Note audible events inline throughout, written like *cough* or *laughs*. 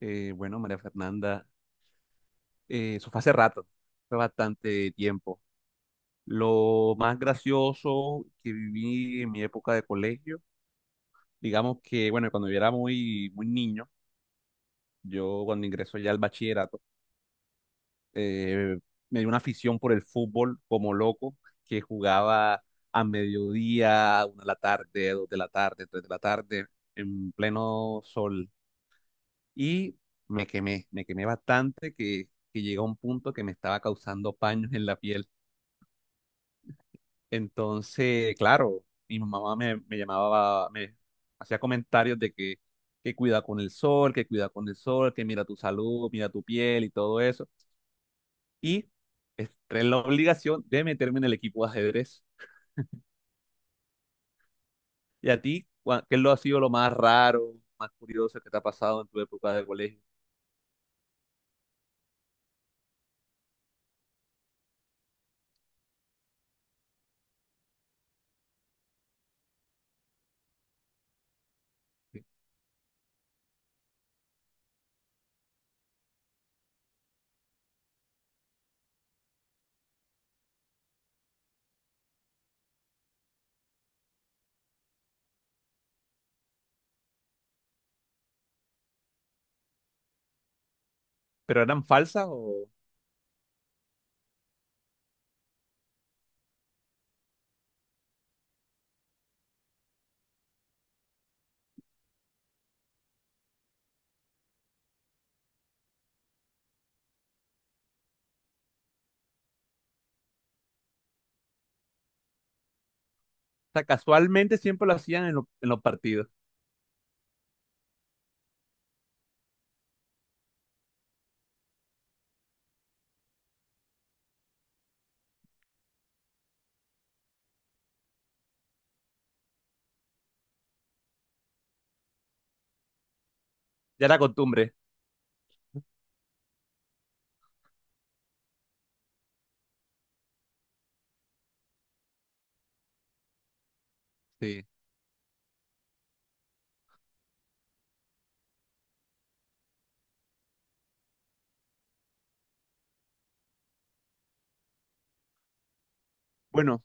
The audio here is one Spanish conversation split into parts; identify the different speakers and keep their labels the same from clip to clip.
Speaker 1: Bueno, María Fernanda, eso fue hace rato, fue bastante tiempo. Lo más gracioso que viví en mi época de colegio, digamos que, bueno, cuando yo era muy, muy niño, yo cuando ingresó ya al bachillerato, eh, me dio una afición por el fútbol como loco, que jugaba a mediodía, una de la tarde, dos de la tarde, tres de la tarde, en pleno sol. Y me quemé bastante que, llegó a un punto que me estaba causando paños en la piel. Entonces, claro, mi mamá me llamaba, me hacía comentarios de que cuida con el sol, que cuida con el sol, que mira tu salud, mira tu piel y todo eso. Y entré en la obligación de meterme en el equipo de ajedrez. ¿Y a ti, qué lo ha sido lo más raro, más curioso que te ha pasado en tu época de colegio? ¿Pero eran falsas o sea, casualmente siempre lo hacían en, en los partidos? Ya la costumbre. Sí. Bueno,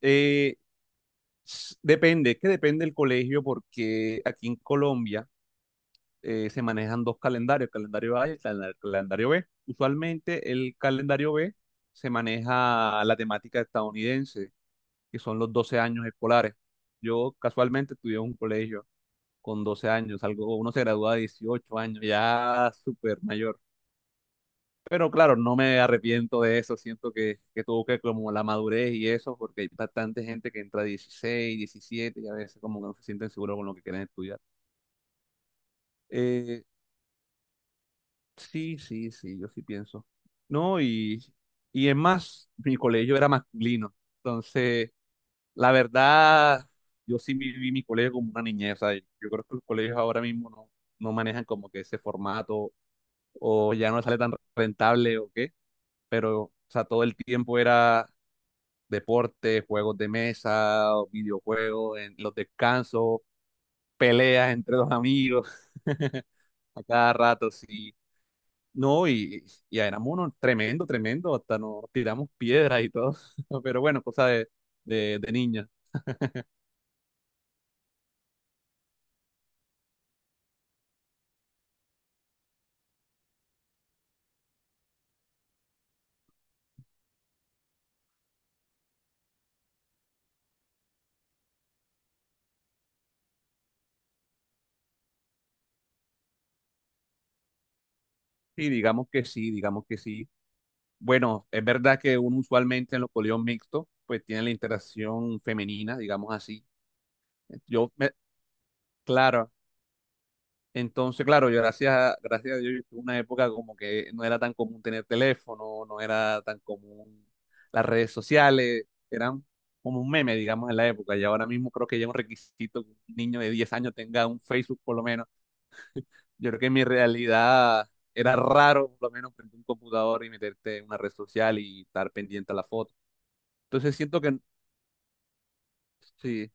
Speaker 1: eh, depende, es que depende del colegio porque aquí en Colombia se manejan dos calendarios, el calendario A y el el calendario B. Usualmente el calendario B se maneja la temática estadounidense, que son los 12 años escolares. Yo casualmente estudié en un colegio con 12 años, algo, uno se gradúa a 18 años, ya súper mayor. Pero claro, no me arrepiento de eso, siento que, tuvo que como la madurez y eso, porque hay bastante gente que entra a 16, 17 y a veces como que no se sienten seguros con lo que quieren estudiar. Eh, sí, sí, sí, yo sí pienso. No, y es más, mi colegio era masculino, entonces la verdad, yo sí viví mi colegio como una niñez, o sea, yo creo que los colegios ahora mismo no manejan como que ese formato o ya no sale tan rentable o qué, pero o sea, todo el tiempo era deporte, juegos de mesa, videojuegos, en los descansos, peleas entre los amigos, *laughs* a cada rato, sí. No, y éramos unos tremendo, tremendo, hasta nos tiramos piedras y todo, *laughs* pero bueno, cosa de, de niños. Sí, digamos que sí, digamos que sí. Bueno, es verdad que uno usualmente en los colegios mixtos, pues tiene la interacción femenina, digamos así. Yo, me- claro, entonces, claro, yo gracias a, gracias a Dios yo tuve una época como que no era tan común tener teléfono, no era tan común las redes sociales, eran como un meme, digamos, en la época. Y ahora mismo creo que ya es un requisito que un niño de 10 años tenga un Facebook por lo menos. Yo creo que en mi realidad era raro por lo menos prender un computador y meterte en una red social y estar pendiente a la foto. Entonces siento que sí,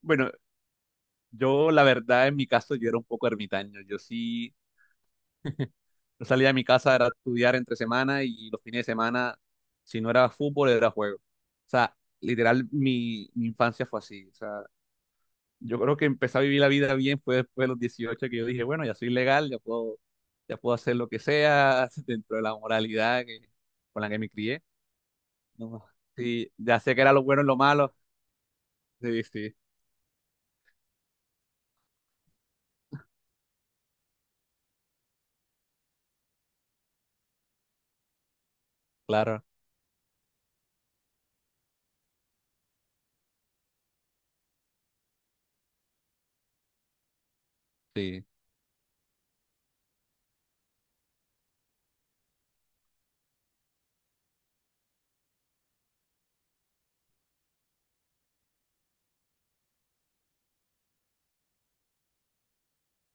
Speaker 1: bueno, yo la verdad en mi caso yo era un poco ermitaño. Yo sí, yo salía de mi casa, era estudiar entre semana y los fines de semana, si no era fútbol, era juego. O sea, literal, mi infancia fue así. O sea, yo creo que empecé a vivir la vida bien fue después de los 18 que yo dije, bueno, ya soy legal, ya puedo hacer lo que sea *laughs* dentro de la moralidad que, con la que me crié. No, sí, ya sé que era lo bueno y lo malo. Sí, sí, claro, sí.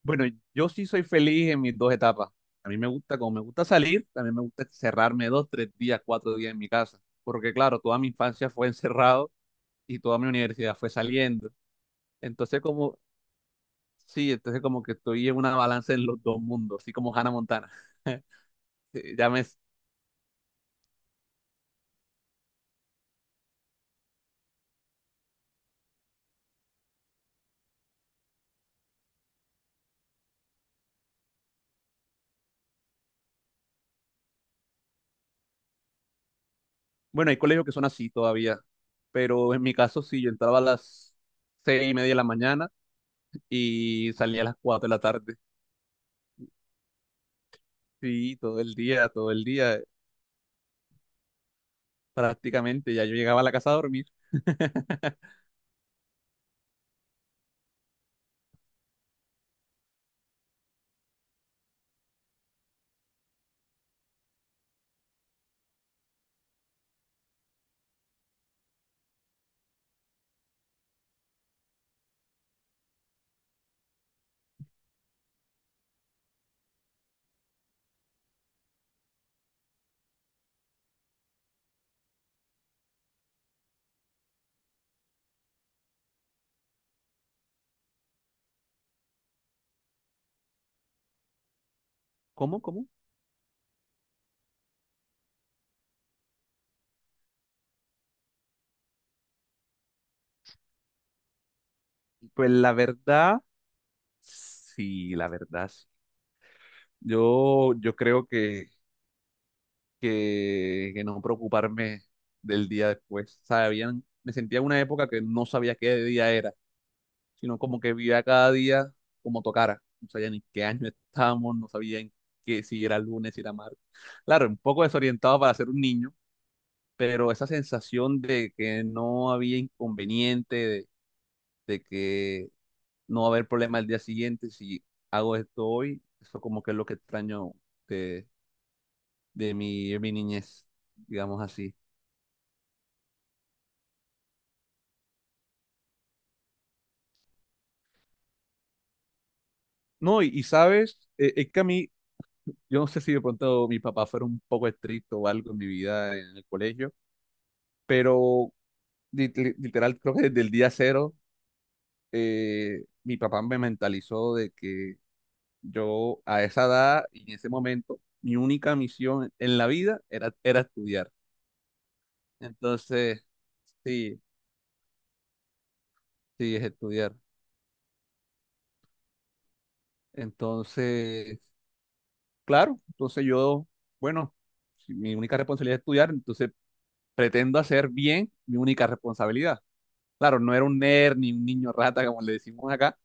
Speaker 1: Bueno, yo sí soy feliz en mis dos etapas. A mí me gusta, como me gusta salir, también me gusta cerrarme dos, tres días, cuatro días en mi casa. Porque claro, toda mi infancia fue *laughs* encerrado y toda mi universidad fue saliendo. Entonces como, sí, entonces como que estoy en una balanza en los dos mundos, así como Hannah Montana. *laughs* Eh, Ya me, bueno, hay colegios que son así todavía, pero en mi caso sí, yo entraba a las 6:30 de la mañana y salía a las 4:00 de la tarde. Sí, todo el día, todo el día. Prácticamente. Ya yo llegaba a la casa a dormir. *laughs* ¿Cómo, cómo? Pues la verdad, sí, la verdad, sí. Yo creo que, que no preocuparme del día después. Sabían, me sentía en una época que no sabía qué día era, sino como que vivía cada día como tocara. No sabía ni qué año estábamos, no sabía en qué, si era lunes, si era martes. Claro, un poco desorientado para ser un niño, pero esa sensación de que no había inconveniente, de que no va a haber problema el día siguiente si hago esto hoy. Eso como que es lo que extraño de, de mi niñez, digamos así. No, y sabes, es que a mí, yo no sé si de pronto mi papá fuera un poco estricto o algo en mi vida en el colegio, pero literal creo que desde el día cero mi papá me mentalizó de que yo a esa edad y en ese momento mi única misión en la vida era, era estudiar. Entonces, sí, sí, es estudiar. Entonces, claro, entonces yo, bueno, si mi única responsabilidad es estudiar, entonces pretendo hacer bien mi única responsabilidad. Claro, no era un nerd ni un niño rata, como le decimos acá.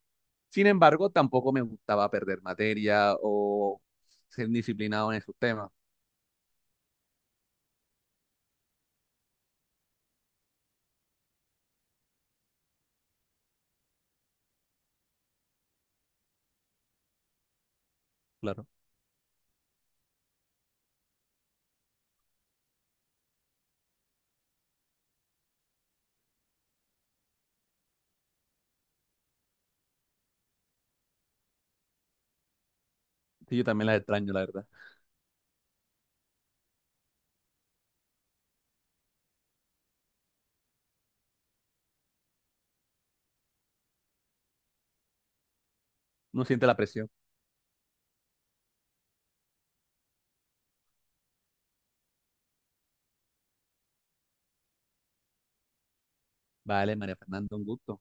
Speaker 1: Sin embargo, tampoco me gustaba perder materia o ser disciplinado en esos temas. Claro, sí, yo también las extraño, la verdad. No siente la presión. Vale, María Fernanda, un gusto.